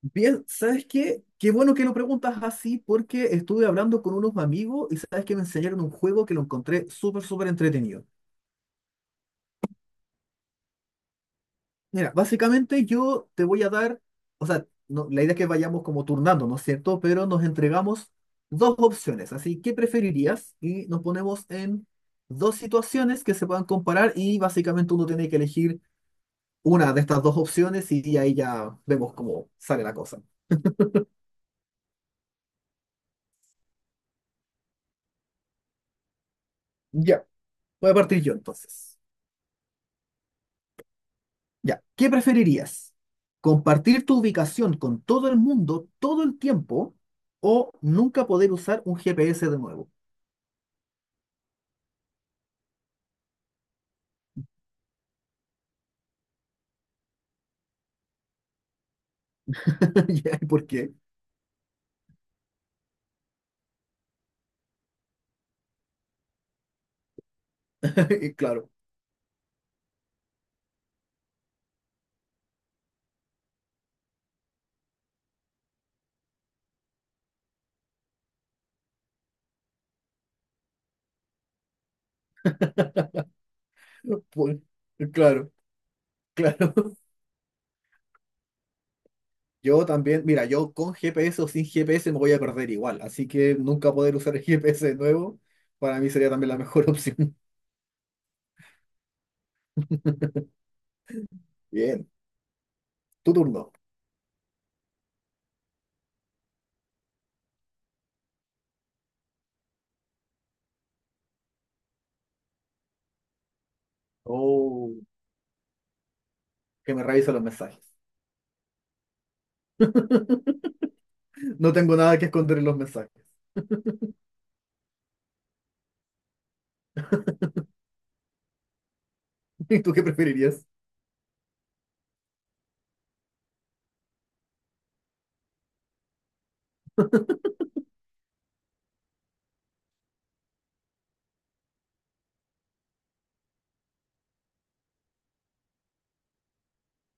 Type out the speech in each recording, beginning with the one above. Bien, ¿sabes qué? Qué bueno que lo preguntas así porque estuve hablando con unos amigos y sabes que me enseñaron un juego que lo encontré súper, súper entretenido. Mira, básicamente yo te voy a dar, o sea, la idea es que vayamos como turnando, ¿no es cierto? Pero nos entregamos dos opciones, así, ¿qué preferirías? Y nos ponemos en dos situaciones que se puedan comparar y básicamente uno tiene que elegir una de estas dos opciones y ahí ya vemos cómo sale la cosa. Ya, voy a partir yo entonces. Ya, ¿qué preferirías? ¿Compartir tu ubicación con todo el mundo todo el tiempo o nunca poder usar un GPS de nuevo? Ya, ¿por qué? Claro, por- claro, claro. Yo también, mira, yo con GPS o sin GPS me voy a perder igual, así que nunca poder usar el GPS de nuevo para mí sería también la mejor opción. Bien, tu turno. Oh, que me revisa los mensajes. No tengo nada que esconder en los mensajes. ¿Y tú qué preferirías?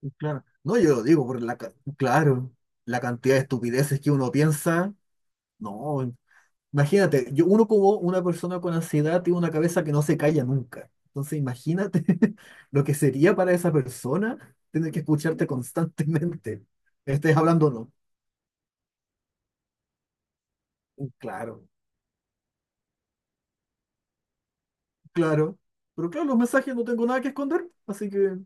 Sí, claro. No, yo lo digo por la, claro, la cantidad de estupideces que uno piensa. No, imagínate, yo, uno como una persona con ansiedad tiene una cabeza que no se calla nunca. Entonces, imagínate lo que sería para esa persona tener que escucharte constantemente. Estés hablando o no. Claro, claro. Pero claro, los mensajes no tengo nada que esconder, así que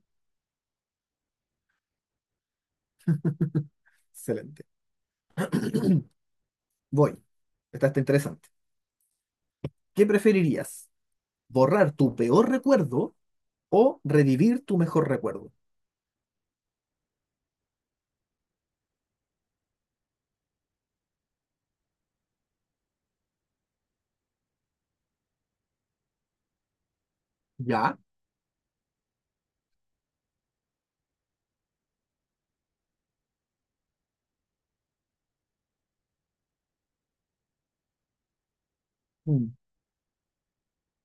excelente. Voy. Esta está interesante. ¿Qué preferirías? ¿Borrar tu peor recuerdo o revivir tu mejor recuerdo? ¿Ya? Mm.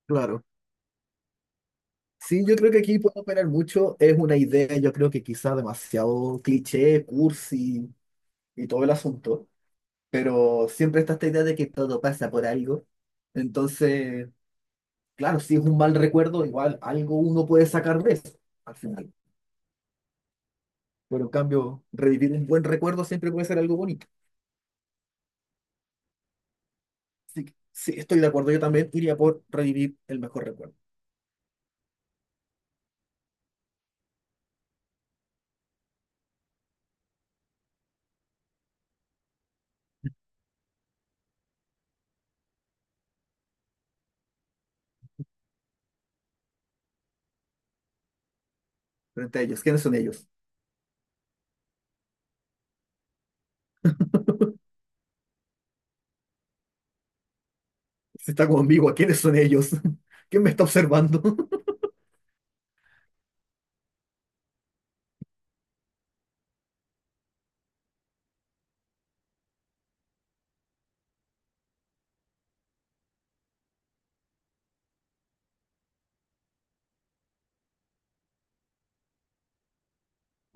Claro. Sí, yo creo que aquí puede operar mucho. Es una idea, yo creo que quizá demasiado cliché, cursi y todo el asunto. Pero siempre está esta idea de que todo pasa por algo. Entonces, claro, si es un mal recuerdo, igual algo uno puede sacar de eso al final. Pero en cambio, revivir un buen recuerdo siempre puede ser algo bonito. Así que sí, estoy de acuerdo. Yo también iría por revivir el mejor recuerdo frente a ellos. ¿Quiénes son ellos? Está como ambigua. ¿Quiénes son ellos? ¿Quién me está observando?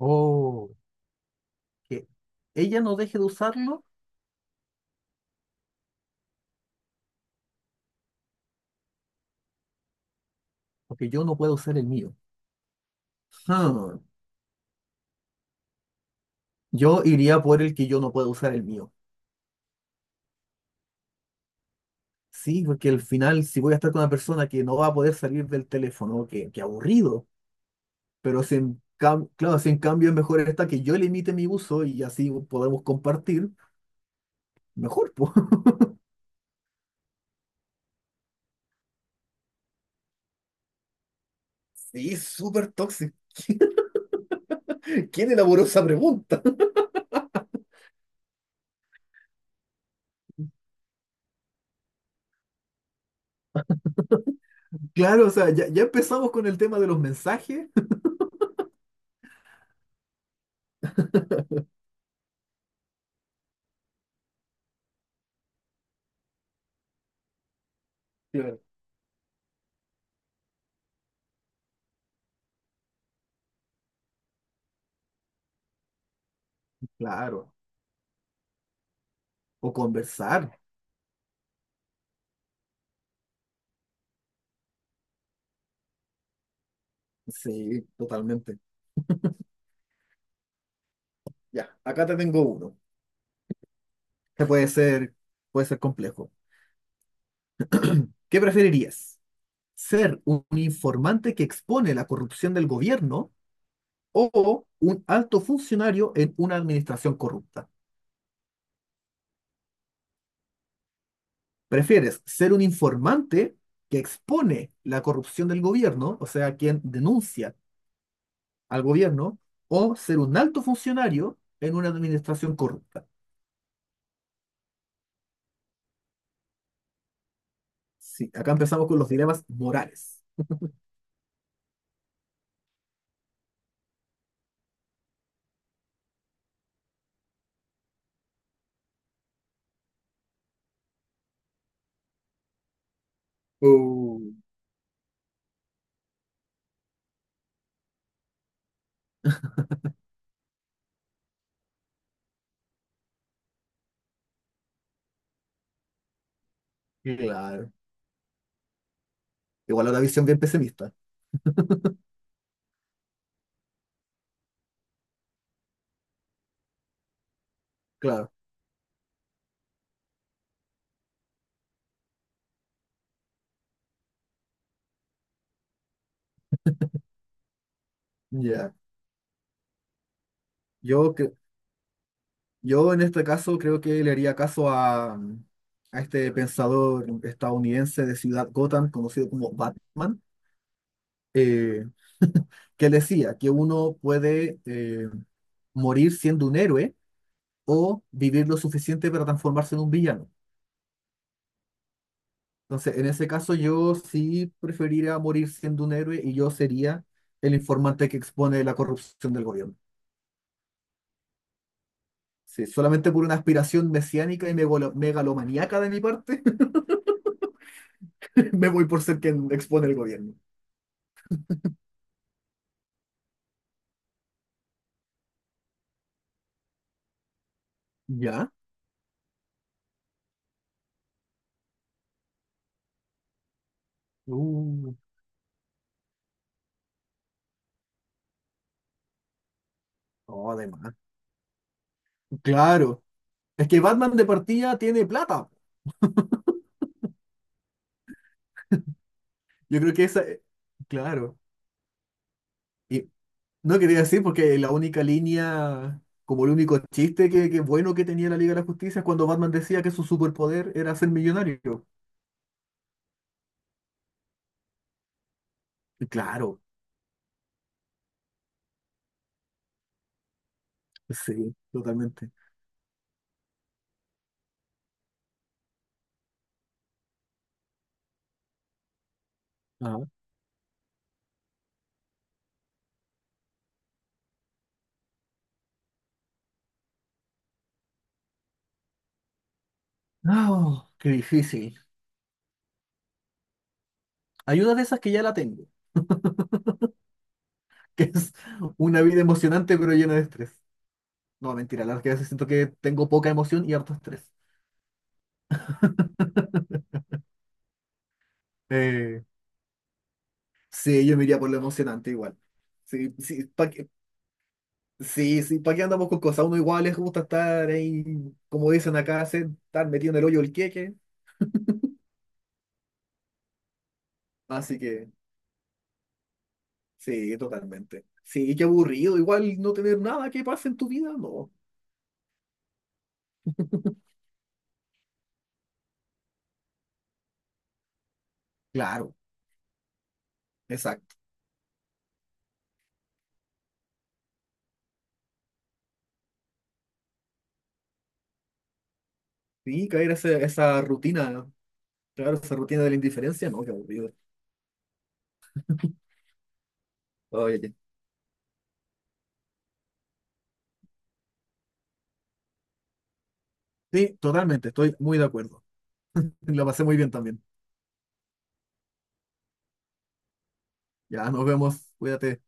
Oh, que ella no deje de usarlo porque yo no puedo usar el mío. Hmm. Yo iría por el que yo no puedo usar el mío. Sí, porque al final, si voy a estar con una persona que no va a poder salir del teléfono, que aburrido. Pero si claro, si en cambio es mejor esta que yo limite mi uso y así podemos compartir, mejor, pues. Sí, súper tóxico. ¿Quién elaboró esa pregunta? Claro, o sea, ya empezamos con el tema de los mensajes. Claro. Claro. O conversar. Sí, totalmente. Ya, acá te tengo uno. Que puede ser, puede ser complejo. ¿Qué preferirías? ¿Ser un informante que expone la corrupción del gobierno o un alto funcionario en una administración corrupta? ¿Prefieres ser un informante que expone la corrupción del gobierno, o sea, quien denuncia al gobierno, o ser un alto funcionario en una administración corrupta? Sí, acá empezamos con los dilemas morales. Uh, claro. Igual una visión bien pesimista. Claro. Ya. Yo, cre- yo en este caso creo que le haría caso a, mm, a este pensador estadounidense de Ciudad Gotham, conocido como Batman, eh, que decía que uno puede morir siendo un héroe o vivir lo suficiente para transformarse en un villano. Entonces, en ese caso yo sí preferiría morir siendo un héroe y yo sería el informante que expone la corrupción del gobierno. Sí, solamente por una aspiración mesiánica y megalomaníaca de mi parte, me voy por ser quien expone el gobierno. ¿Ya? Uh, no, además. Claro. Es que Batman de partida tiene plata. Yo creo que esa. Claro. Y no quería decir porque la única línea, como el único chiste que bueno que tenía la Liga de la Justicia es cuando Batman decía que su superpoder era ser millonario. Y claro. Sí, totalmente. Ajá. Ah, qué difícil. Hay una de esas que ya la tengo. que es una vida emocionante pero llena de estrés. No, mentira, la verdad es que a veces siento que tengo poca emoción y harto estrés. Eh, sí, yo me iría por lo emocionante igual. Sí, sí, pa que, sí, sí, ¿para qué andamos con cosas? A uno igual les gusta estar ahí, como dicen acá, estar metido en el hoyo el queque. Así que, sí, totalmente. Sí, qué aburrido, igual no tener nada que pase en tu vida, no. Claro, exacto. Sí, caer esa, esa rutina, claro, esa rutina de la indiferencia, no, qué aburrido. Oye, sí, totalmente, estoy muy de acuerdo. Lo pasé muy bien también. Ya, nos vemos. Cuídate.